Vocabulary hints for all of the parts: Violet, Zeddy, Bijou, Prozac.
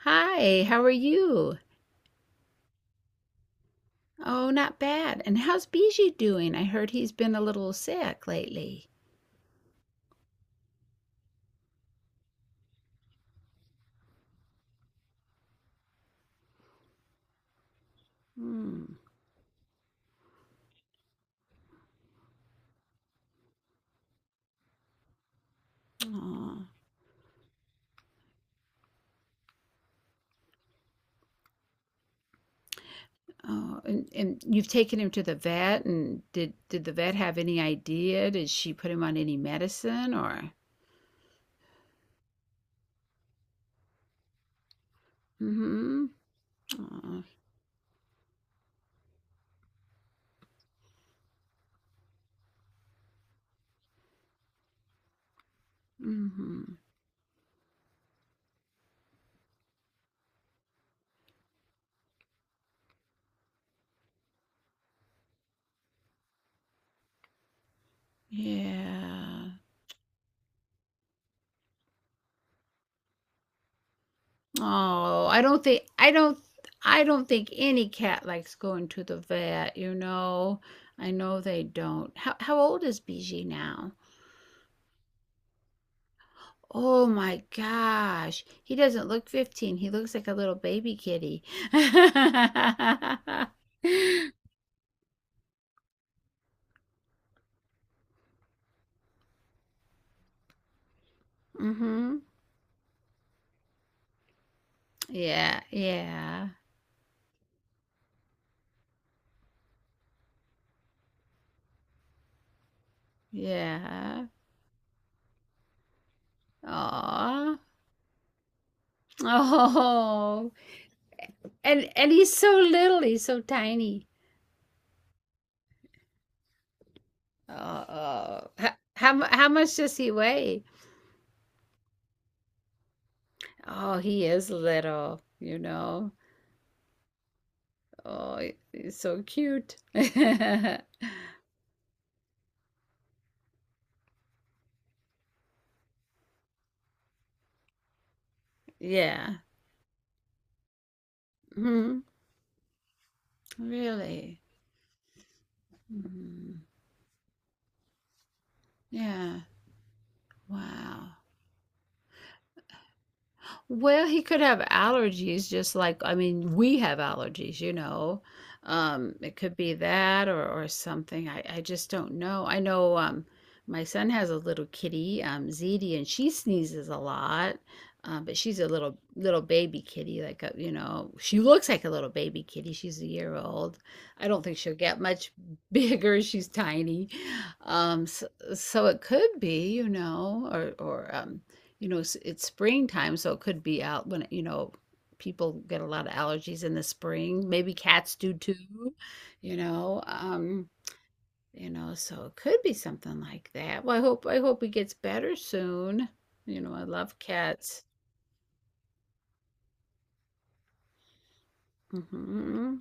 Hi, how are you? Oh, not bad. And how's Bijou doing? I heard he's been a little sick lately. Hmm. Oh, oh. And you've taken him to the vet, and did the vet have any idea? Did she put him on any medicine or? Mm-hmm. Oh, mm-hmm. Yeah. Oh, I don't think any cat likes going to the vet. I know they don't. How old is Bijou now? Oh my gosh. He doesn't look 15. He looks like a little baby kitty. Mm-hmm. Yeah, yeah, yeah. Aw. Oh. And he's so little, he's so tiny. Oh. How much does he weigh? Oh, he is little. Oh, he's so cute. Yeah. Hmm. Really. Mhm. Yeah. Wow. Well, he could have allergies, just, like I mean, we have allergies. It could be that or something. I just don't know. I know my son has a little kitty, Zeddy, and she sneezes a lot. But she's a little baby kitty, like, she looks like a little baby kitty. She's a year old. I don't think she'll get much bigger. She's tiny. Um, so, so it could be, or it's springtime, so it could be out when, people get a lot of allergies in the spring. Maybe cats do too, you know. Um, so it could be something like that. Well, I hope it gets better soon. You know, I love cats. Hmm.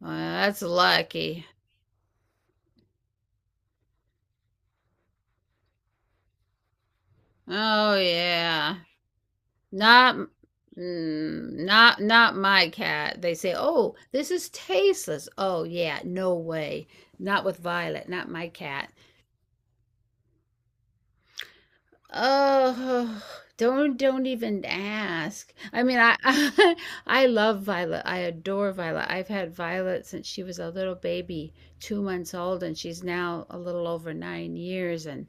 Well, that's lucky. Oh yeah. Not mm, not not my cat. They say, "Oh, this is tasteless." Oh yeah, no way. Not with Violet, not my cat. Oh, don't even ask. I mean, I love Violet. I adore Violet. I've had Violet since she was a little baby, 2 months old, and she's now a little over 9 years. And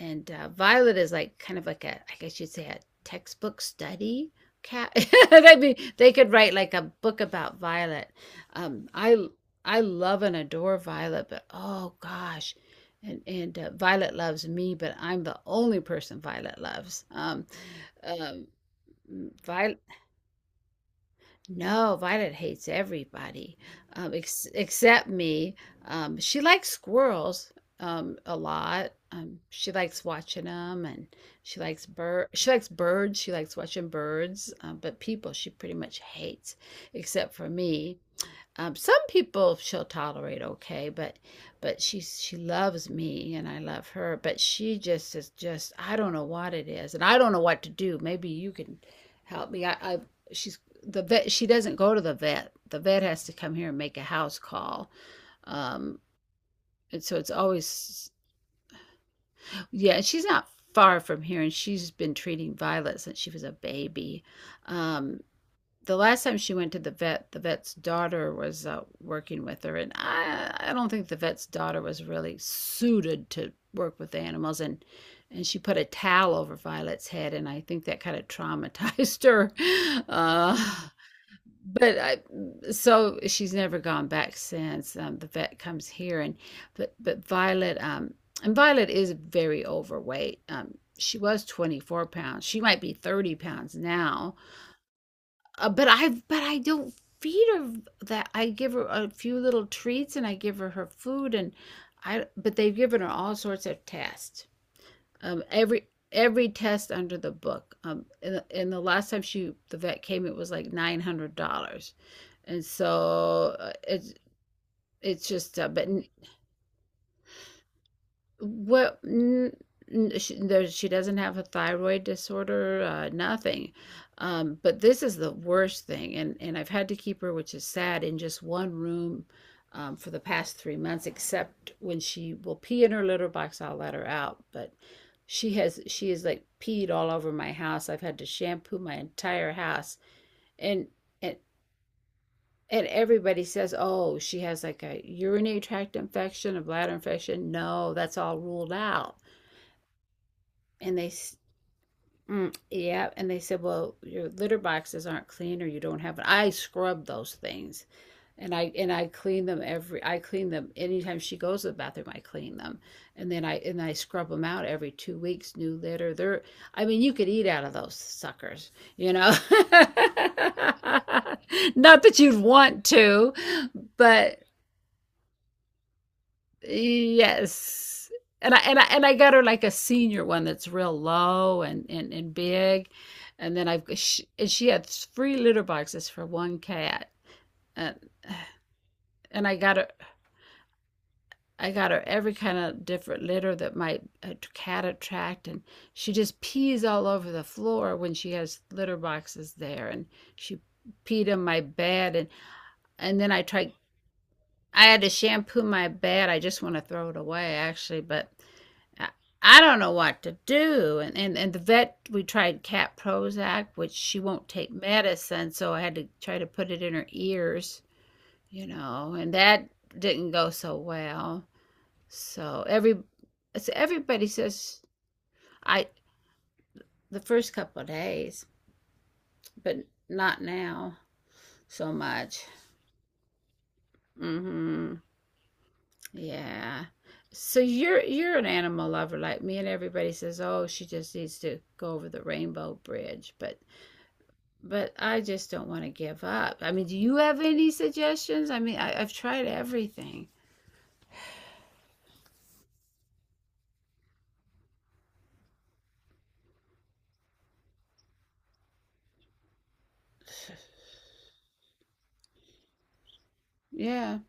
and uh, Violet is like, kind of like a, I guess you'd say, a textbook study cat. I mean, they could write like a book about Violet. Um, I I love and adore Violet, but oh gosh, and Violet loves me, but I'm the only person Violet loves. Um, Violet. No, Violet hates everybody, ex except me. She likes squirrels a lot. She likes watching them, and she likes birds. She likes watching birds. But people, she pretty much hates, except for me. Some people she'll tolerate okay, but she loves me and I love her, but she just is, just, I don't know what it is, and I don't know what to do. Maybe you can help me. I she's the vet. She doesn't go to the vet. The vet has to come here and make a house call. Um, and so it's always, yeah. And she's not far from here, and she's been treating Violet since she was a baby. Um, the last time she went to the vet, the vet's daughter was working with her, and I don't think the vet's daughter was really suited to work with the animals, and she put a towel over Violet's head, and I think that kind of traumatized her. Uh, but so she's never gone back since. The vet comes here, and but Violet and Violet is very overweight. She was 24 pounds. She might be 30 pounds now, but I don't feed her that. I give her a few little treats and I give her food, and I, but they've given her all sorts of tests. Every test under the book. And the last time she the vet came, it was like $900, and so it's just, but. Well, n n she there she doesn't have a thyroid disorder, nothing, but this is the worst thing, and I've had to keep her, which is sad, in just one room, for the past 3 months, except when she will pee in her litter box, I'll let her out, but she is, like, peed all over my house. I've had to shampoo my entire house, and and and everybody says, "Oh, she has like a urinary tract infection, a bladder infection." No, that's all ruled out. and they yeah, and they said, "Well, your litter boxes aren't clean, or you don't have it." I scrub those things, and I clean them every, I clean them anytime she goes to the bathroom, I clean them, and then I scrub them out every 2 weeks, new litter. They're, I mean, you could eat out of those suckers you know Not that you'd want to, but. Yes. And I got her, like, a senior one that's real low and, and big, and then I've she, and she had three litter boxes for one cat, and and I got her I got her every kind of different litter that might a cat attract, and she just pees all over the floor when she has litter boxes there, and she peed on my bed, and then I tried. I had to shampoo my bed. I just want to throw it away, actually, but I, I don't know what to do. And, and the vet, we tried cat Prozac, which she won't take medicine. So I had to try to put it in her ears, and that didn't go so well. So every, so everybody says, I, the first couple of days, but not now so much. Hmm. Yeah. So you're an animal lover like me, and everybody says, "Oh, she just needs to go over the rainbow bridge," but I just don't want to give up. I mean, do you have any suggestions? I mean, I, I've tried everything. Yeah,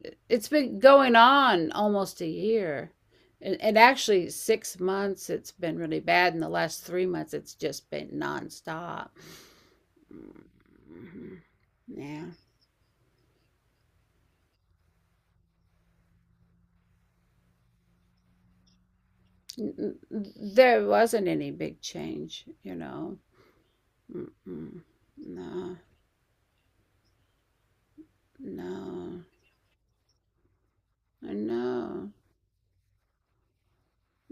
it has been going on almost a year. And actually, 6 months, it's been really bad. In the last 3 months, it's just been nonstop. Mhm. Yeah. There wasn't any big change. Mm-mm. No, no, I know.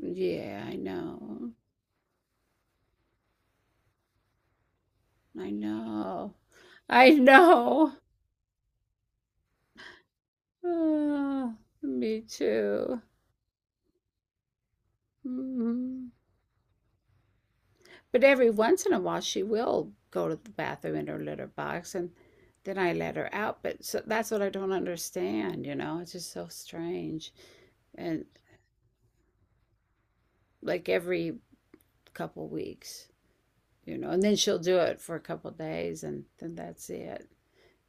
Yeah, I know. I know. I know. Uh, Me too. Mhm. But every once in a while, she will go to the bathroom in her litter box, and then I let her out. But so that's what I don't understand, you know? It's just so strange. And, like, every couple weeks, and then she'll do it for a couple days, and then that's it.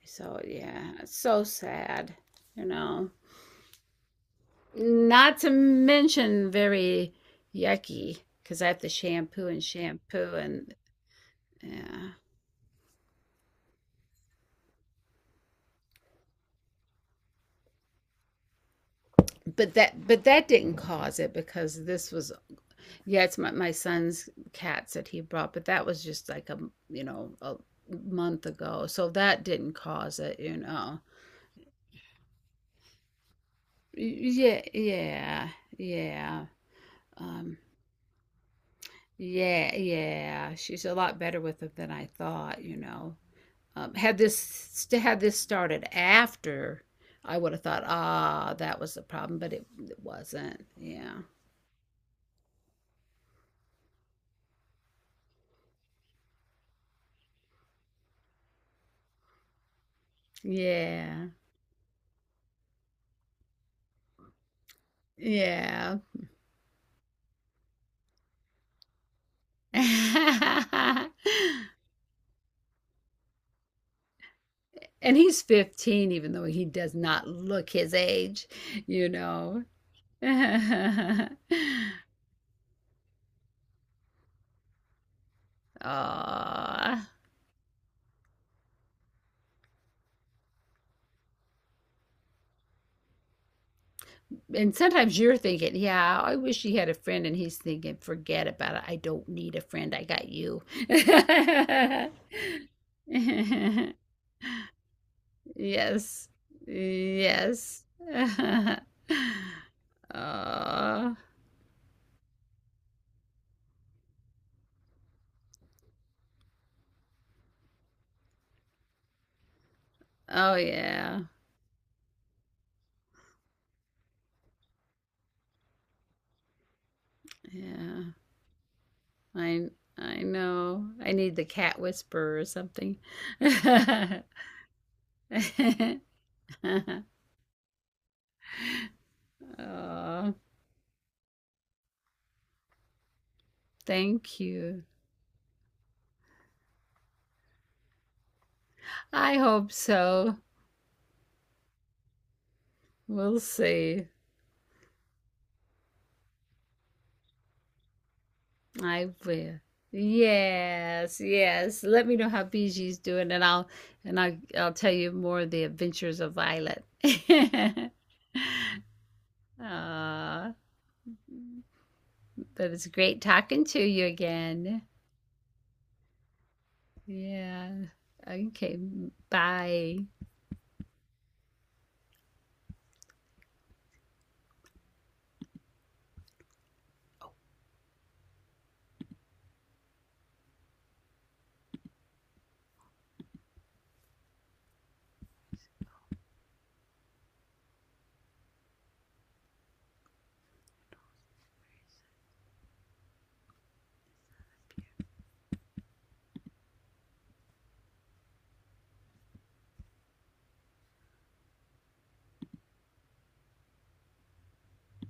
So, yeah, it's so sad, you know? Not to mention very yucky, because I have to shampoo and shampoo and, yeah. But that didn't cause it, because this was, yeah, it's my son's cats that he brought, but that was just like a you know a month ago, so that didn't cause it. Yeah, yeah, yeah. um yeah, yeah, she's a lot better with it than I thought. Had this started after, I would have thought, ah, that was the problem, but it wasn't. Yeah, yeah, yeah. And he's 15, even though he does not look his age, you know. Aw. And sometimes you're thinking, yeah, I wish he had a friend, and he's thinking, forget about it. I don't need a friend. I got you. Yes. Yes. Oh, oh yeah. Yeah. I I know. I need the cat whisperer or something. Oh, thank you. I hope so. We'll see. I will. Yes, yes. Let me know how Biji's doing, and I'll tell you more of the adventures of Violet. Aw. But it was great talking to you again. Yeah. Okay. Bye.